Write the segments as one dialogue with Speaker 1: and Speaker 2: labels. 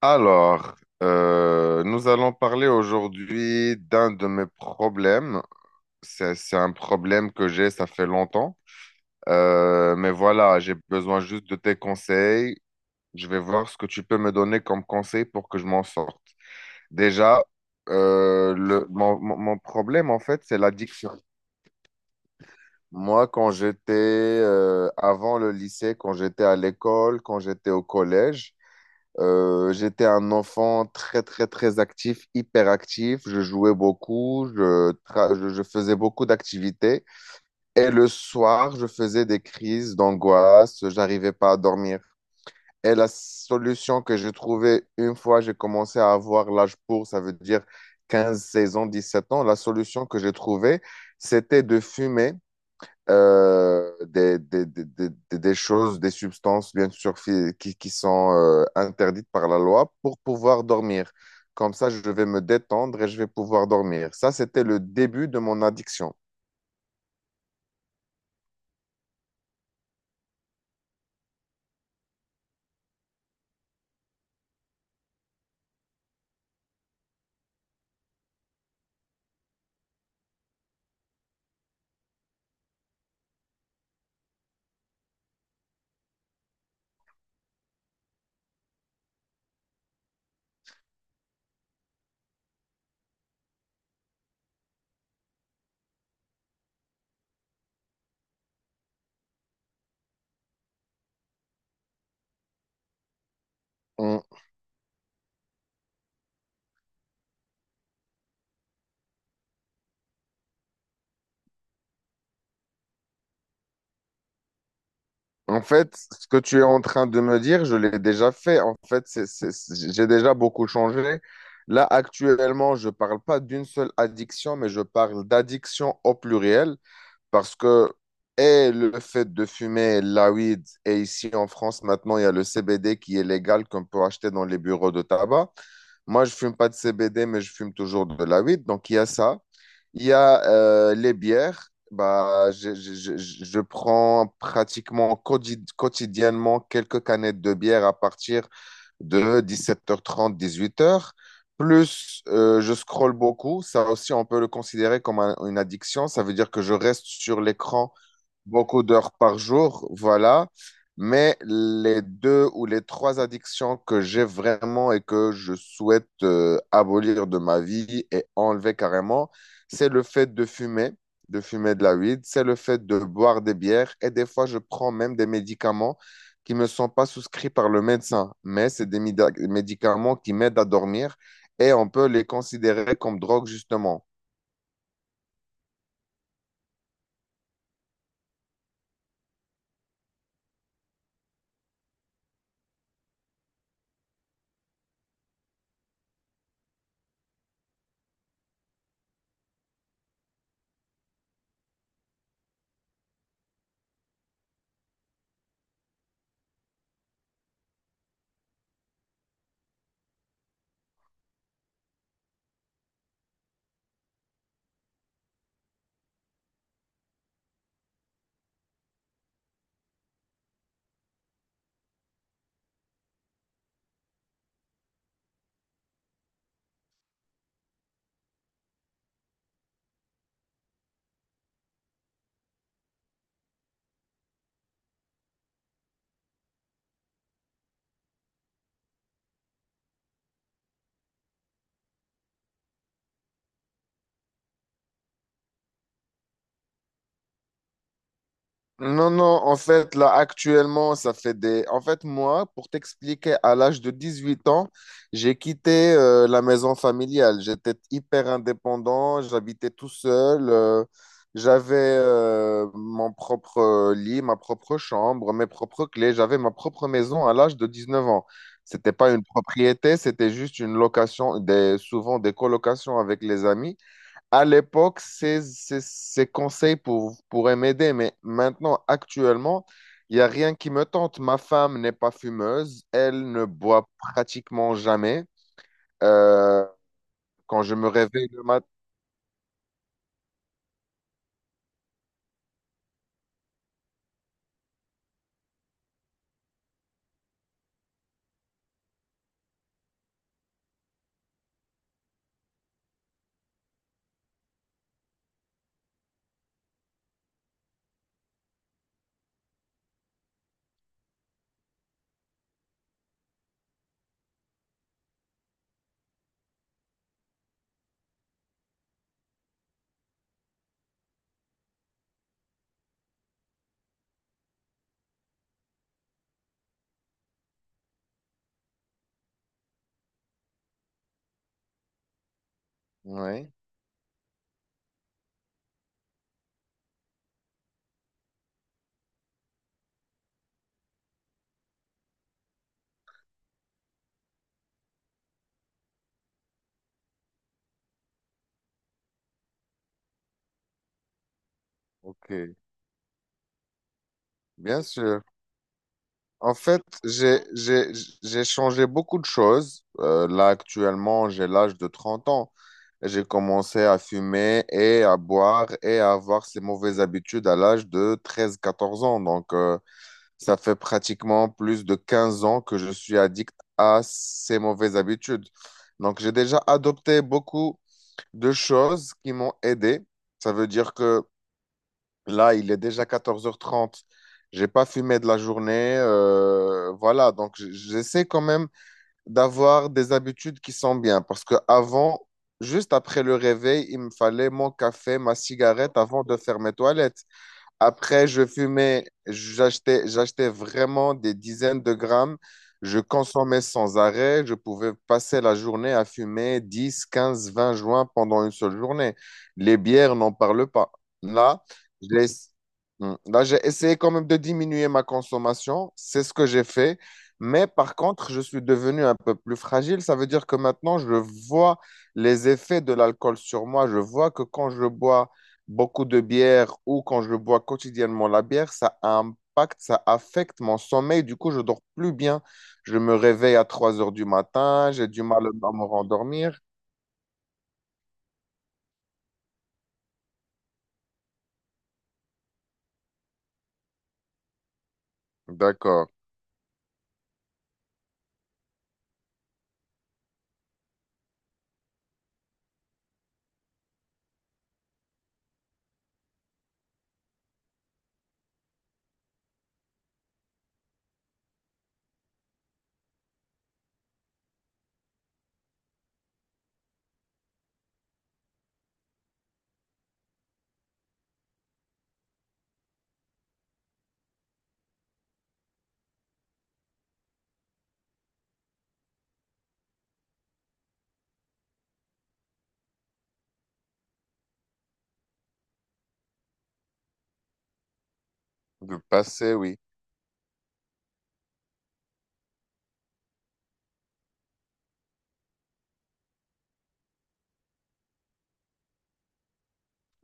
Speaker 1: Alors, nous allons parler aujourd'hui d'un de mes problèmes. C'est un problème que j'ai, ça fait longtemps. Mais voilà, j'ai besoin juste de tes conseils. Je vais voir ce que tu peux me donner comme conseil pour que je m'en sorte. Déjà, mon problème, en fait, c'est l'addiction. Moi, quand j'étais avant le lycée, quand j'étais à l'école, quand j'étais au collège, j'étais un enfant très, très, très actif, hyper actif. Je jouais beaucoup, je faisais beaucoup d'activités. Et le soir, je faisais des crises d'angoisse, j'arrivais pas à dormir. Et la solution que j'ai trouvée une fois j'ai commencé à avoir l'âge pour, ça veut dire 15 16 ans, 17 ans, la solution que j'ai trouvée, c'était de fumer des choses, des substances, bien sûr, qui sont interdites par la loi pour pouvoir dormir. Comme ça, je vais me détendre et je vais pouvoir dormir. Ça, c'était le début de mon addiction. Mm. En fait, ce que tu es en train de me dire, je l'ai déjà fait. En fait, j'ai déjà beaucoup changé. Là, actuellement, je ne parle pas d'une seule addiction, mais je parle d'addiction au pluriel parce que et le fait de fumer la weed, et ici en France, maintenant, il y a le CBD qui est légal qu'on peut acheter dans les bureaux de tabac. Moi, je fume pas de CBD, mais je fume toujours de la weed. Donc, il y a ça. Il y a les bières. Bah, je prends pratiquement quotidiennement quelques canettes de bière à partir de 17h30, 18h. Plus, je scrolle beaucoup. Ça aussi, on peut le considérer comme une addiction. Ça veut dire que je reste sur l'écran beaucoup d'heures par jour, voilà. Mais les deux ou les trois addictions que j'ai vraiment et que je souhaite abolir de ma vie et enlever carrément, c'est le fait de fumer, de fumer de la weed, c'est le fait de boire des bières et des fois je prends même des médicaments qui ne me sont pas souscrits par le médecin, mais c'est des médicaments qui m'aident à dormir et on peut les considérer comme drogue justement. Non, non, en fait, là, actuellement, ça fait des... En fait, moi, pour t'expliquer, à l'âge de 18 ans, j'ai quitté la maison familiale. J'étais hyper indépendant, j'habitais tout seul, j'avais mon propre lit, ma propre chambre, mes propres clés, j'avais ma propre maison à l'âge de 19 ans. C'était pas une propriété, c'était juste une location, des... souvent des colocations avec les amis à l'époque, ces conseils pourraient m'aider, mais maintenant, actuellement, il n'y a rien qui me tente. Ma femme n'est pas fumeuse, elle ne boit pratiquement jamais. Euh, Quand je me réveille le matin. Oui, ok, bien sûr. En fait, j'ai changé beaucoup de choses. Là, actuellement, j'ai l'âge de 30 ans. J'ai commencé à fumer et à boire et à avoir ces mauvaises habitudes à l'âge de 13 14 ans. Donc, ça fait pratiquement plus de 15 ans que je suis addict à ces mauvaises habitudes. Donc, j'ai déjà adopté beaucoup de choses qui m'ont aidé. Ça veut dire que là, il est déjà 14h30. J'ai pas fumé de la journée. Voilà. Donc, j'essaie quand même d'avoir des habitudes qui sont bien. Parce que avant, juste après le réveil, il me fallait mon café, ma cigarette avant de faire mes toilettes. Après, je fumais, j'achetais vraiment des dizaines de grammes. Je consommais sans arrêt. Je pouvais passer la journée à fumer 10, 15, 20 joints pendant une seule journée. Les bières, n'en parle pas. Là, j'ai, Hmm. Là, j'ai essayé quand même de diminuer ma consommation. C'est ce que j'ai fait. Mais par contre, je suis devenu un peu plus fragile. Ça veut dire que maintenant, je vois les effets de l'alcool sur moi. Je vois que quand je bois beaucoup de bière ou quand je bois quotidiennement la bière, ça impacte, ça affecte mon sommeil. Du coup, je dors plus bien. Je me réveille à 3 heures du matin, j'ai du mal à me rendormir. D'accord. De passer, oui.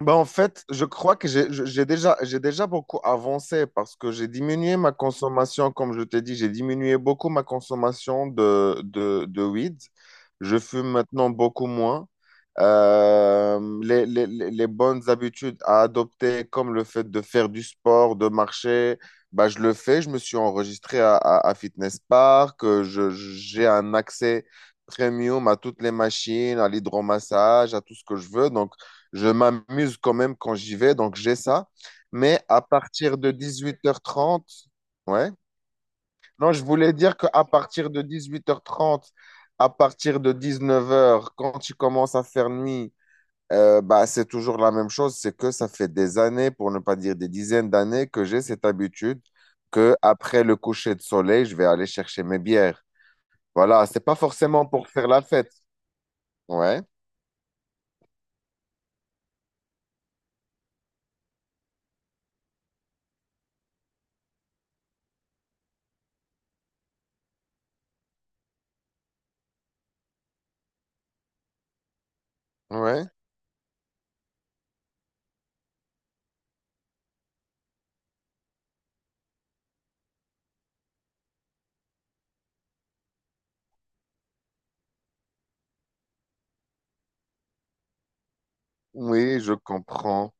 Speaker 1: Ben, en fait, je crois que j'ai déjà beaucoup avancé parce que j'ai diminué ma consommation, comme je t'ai dit, j'ai diminué beaucoup ma consommation de, de weed. Je fume maintenant beaucoup moins. Les les bonnes habitudes à adopter, comme le fait de faire du sport, de marcher, bah, je le fais. Je me suis enregistré à Fitness Park. J'ai un accès premium à toutes les machines, à l'hydromassage, à tout ce que je veux. Donc, je m'amuse quand même quand j'y vais, donc j'ai ça. Mais à partir de 18h30, ouais. Non, je voulais dire qu'à partir de 18h30, à partir de 19 heures, quand tu commences à faire nuit, bah, c'est toujours la même chose. C'est que ça fait des années, pour ne pas dire des dizaines d'années, que j'ai cette habitude que après le coucher de soleil, je vais aller chercher mes bières. Voilà, c'est pas forcément pour faire la fête. Ouais, ouais. Oui, je comprends.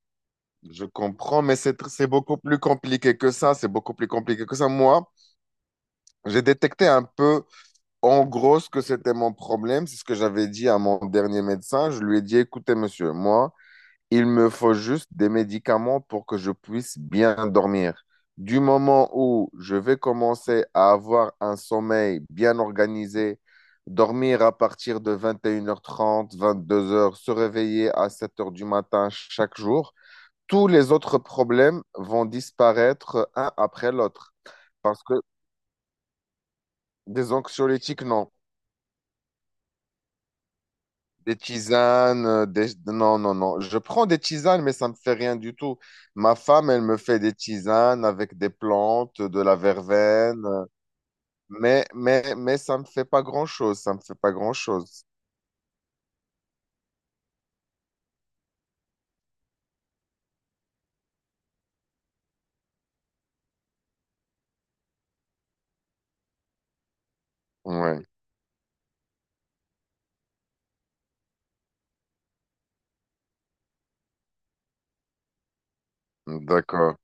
Speaker 1: Je comprends, mais c'est beaucoup plus compliqué que ça. C'est beaucoup plus compliqué que ça. Moi, j'ai détecté un peu, en gros, ce que c'était mon problème. C'est ce que j'avais dit à mon dernier médecin. Je lui ai dit, écoutez, monsieur, moi, il me faut juste des médicaments pour que je puisse bien dormir. Du moment où je vais commencer à avoir un sommeil bien organisé, dormir à partir de 21h30, 22h, se réveiller à 7h du matin chaque jour, tous les autres problèmes vont disparaître un après l'autre. Parce que des anxiolytiques, non. Des tisanes, non, non, non. Je prends des tisanes, mais ça me fait rien du tout. Ma femme, elle me fait des tisanes avec des plantes, de la verveine, mais, mais ça me fait pas grand-chose. Ça me fait pas grand-chose. Ouais, d'accord,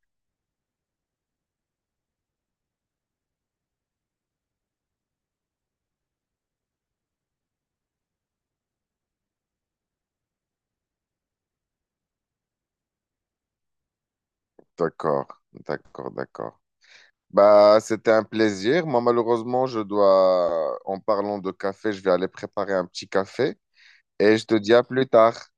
Speaker 1: d'accord, d'accord, d'accord. Bah, c'était un plaisir. Moi, malheureusement, je dois, en parlant de café, je vais aller préparer un petit café. Et je te dis à plus tard.